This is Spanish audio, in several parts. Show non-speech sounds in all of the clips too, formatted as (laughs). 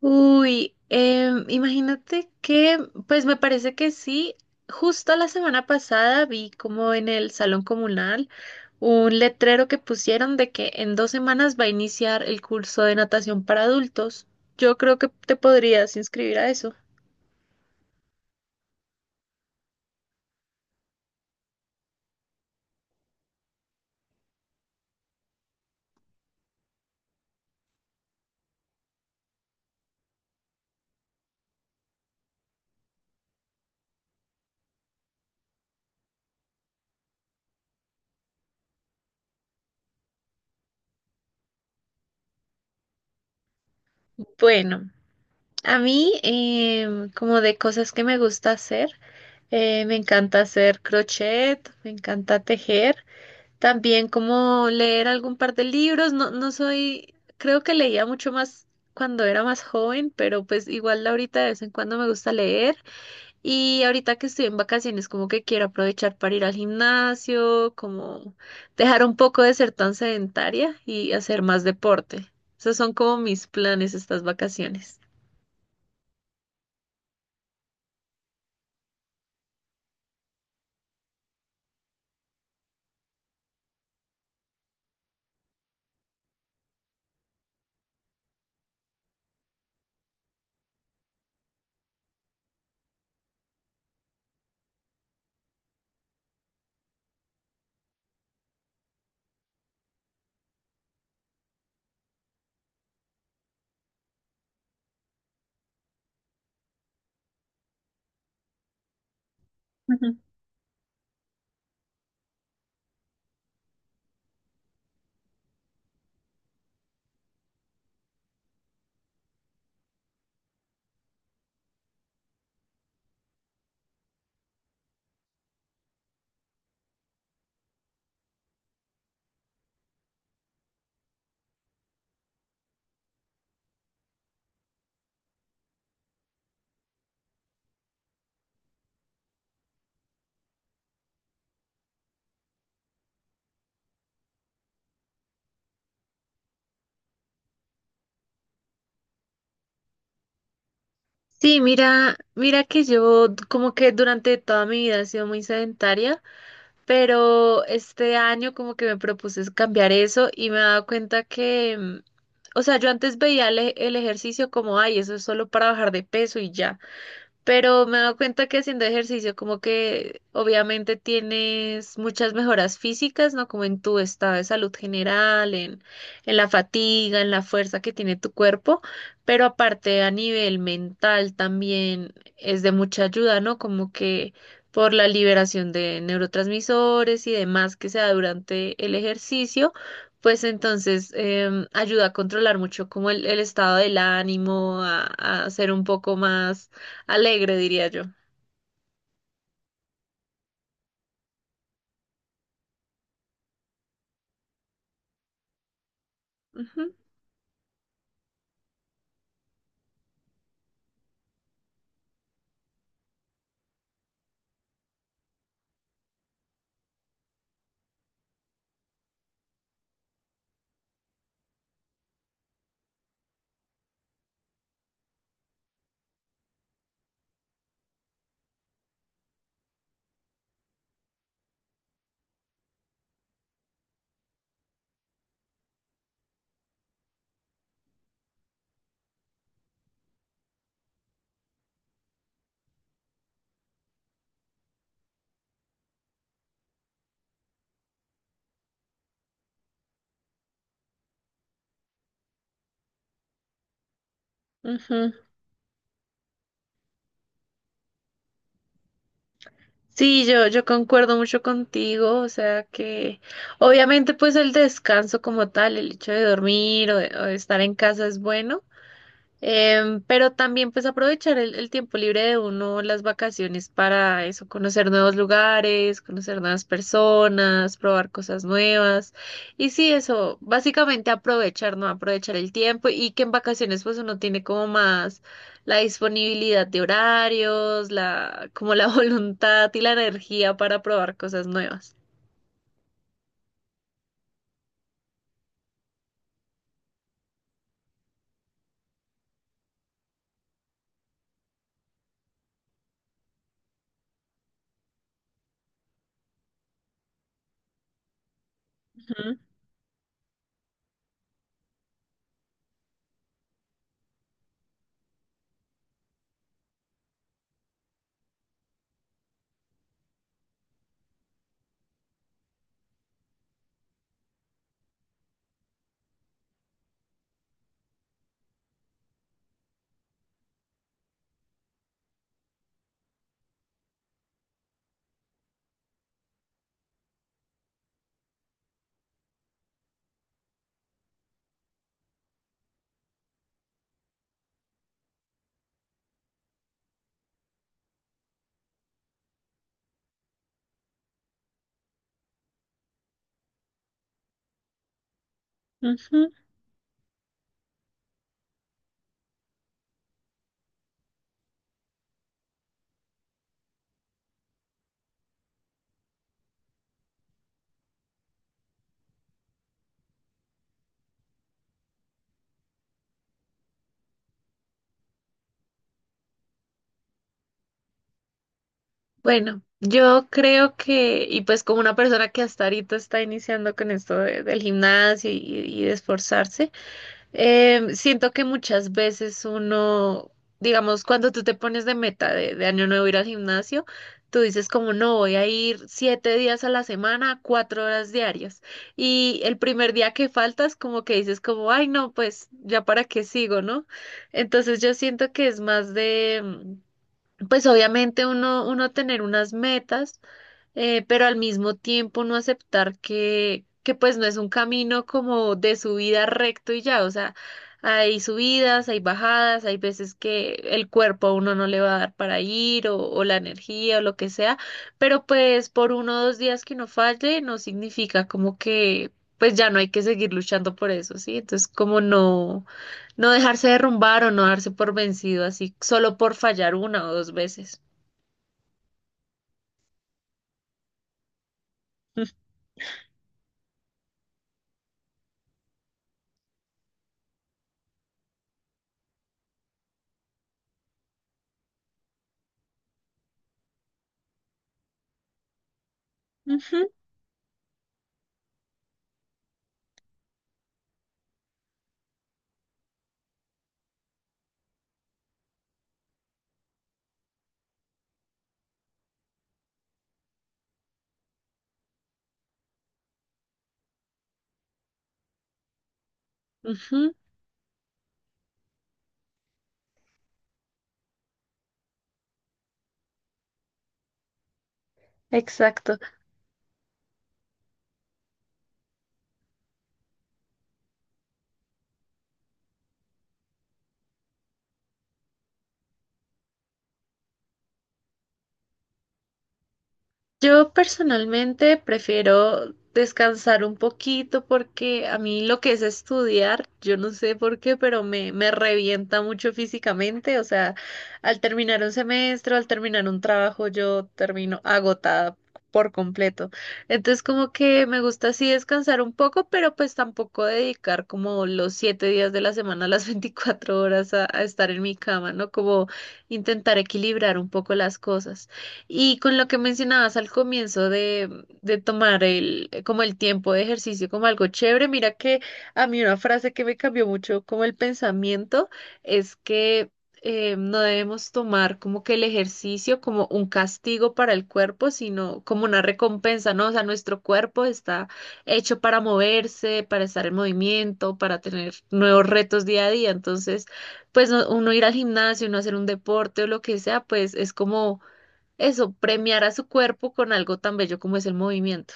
Uy, imagínate que, pues me parece que sí, justo la semana pasada vi como en el salón comunal un letrero que pusieron de que en 2 semanas va a iniciar el curso de natación para adultos. Yo creo que te podrías inscribir a eso. Bueno, a mí, como de cosas que me gusta hacer, me encanta hacer crochet, me encanta tejer. También como leer algún par de libros, no, no soy, creo que leía mucho más cuando era más joven, pero pues igual ahorita de vez en cuando me gusta leer y ahorita que estoy en vacaciones como que quiero aprovechar para ir al gimnasio, como dejar un poco de ser tan sedentaria y hacer más deporte. Esos son como mis planes estas vacaciones. Ujú. Sí, mira, mira que yo como que durante toda mi vida he sido muy sedentaria. Pero este año como que me propuse cambiar eso y me he dado cuenta que, o sea, yo antes veía el ejercicio como, ay, eso es solo para bajar de peso y ya. Pero me he dado cuenta que haciendo ejercicio como que obviamente tienes muchas mejoras físicas, ¿no? Como en tu estado de salud general, en la fatiga, en la fuerza que tiene tu cuerpo, pero aparte a nivel mental también es de mucha ayuda, ¿no? Como que por la liberación de neurotransmisores y demás que se da durante el ejercicio, pues entonces ayuda a controlar mucho como el estado del ánimo, a ser un poco más alegre, diría yo. Ujú, ujú. Sí, yo concuerdo mucho contigo, o sea que obviamente pues el descanso como tal, el hecho de dormir o de estar en casa es bueno. Pero también pues aprovechar el tiempo libre de uno, las vacaciones para eso, conocer nuevos lugares, conocer nuevas personas, probar cosas nuevas. Y sí, eso, básicamente aprovechar, ¿no? Aprovechar el tiempo y que en vacaciones pues uno tiene como más la disponibilidad de horarios, la, como la (laughs) voluntad y la energía para probar cosas nuevas. Ujú, ujú. Bueno, yo creo que, y pues como una persona que hasta ahorita está iniciando con esto de- del gimnasio y de esforzarse, siento que muchas veces uno, digamos, cuando tú te pones de meta de año nuevo ir al gimnasio, tú dices como no, voy a ir 7 días a la semana, 4 horas diarias. Y el primer día que faltas, como que dices como, ay no, pues ya para qué sigo, ¿no? Entonces yo siento que es más de pues obviamente uno, uno tener unas metas, pero al mismo tiempo no aceptar que pues no es un camino como de subida recto y ya, o sea, hay subidas, hay bajadas, hay veces que el cuerpo a uno no le va a dar para ir o la energía o lo que sea, pero pues por uno o dos días que uno falle no significa como que pues ya no hay que seguir luchando por eso, ¿sí? Entonces como no, no dejarse derrumbar o no darse por vencido así solo por fallar una o dos veces. Ujú, ujú, exacto. Yo personalmente prefiero descansar un poquito porque a mí lo que es estudiar, yo no sé por qué, pero me revienta mucho físicamente. O sea, al terminar un semestre, al terminar un trabajo, yo termino agotada por completo. Entonces, como que me gusta así descansar un poco, pero pues tampoco dedicar como los 7 días de la semana, (laughs) las 24 horas a estar en mi cama, ¿no? Como intentar equilibrar un poco las cosas. Y con lo que mencionabas al comienzo de tomar como el tiempo de ejercicio como algo chévere, mira que a mí una frase que me cambió mucho como el pensamiento es que no debemos tomar como que el ejercicio como un castigo para el cuerpo, sino como una recompensa, ¿no? O sea, nuestro cuerpo está hecho para moverse, para estar en movimiento, para tener nuevos retos día a día. Entonces, pues no- uno ir al gimnasio, uno hacer un deporte o lo que sea, pues es como eso, premiar a su cuerpo con algo tan bello como es el movimiento.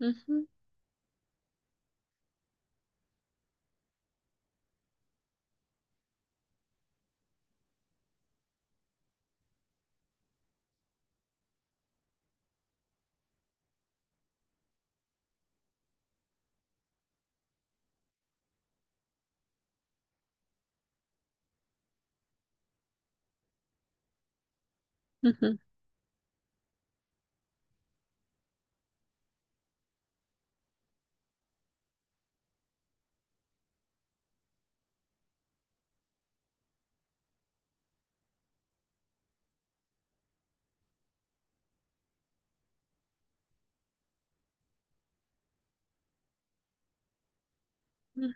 Ujú, ujú, ujú.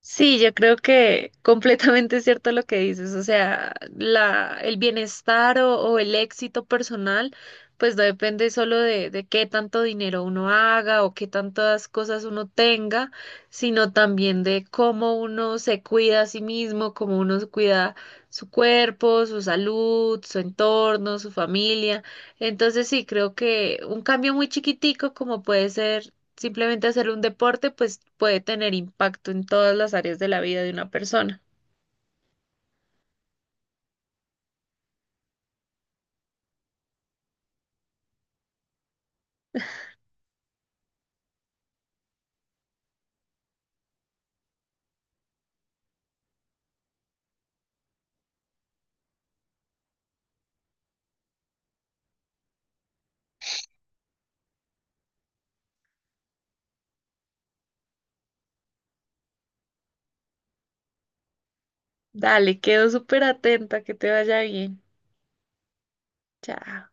Sí, yo creo que (laughs) completamente es cierto lo que dices, o sea, el bienestar o el éxito personal, pues no depende solo de qué tanto dinero uno haga o qué tantas cosas uno tenga, sino también de cómo uno se cuida a sí mismo, cómo uno cuida su cuerpo, su salud, su entorno, su familia. Entonces sí, creo que un cambio muy chiquitico como puede ser simplemente hacer un deporte pues puede tener impacto en todas las áreas de la vida de una persona. Dale, quedo súper atenta, que te vaya bien. Chao.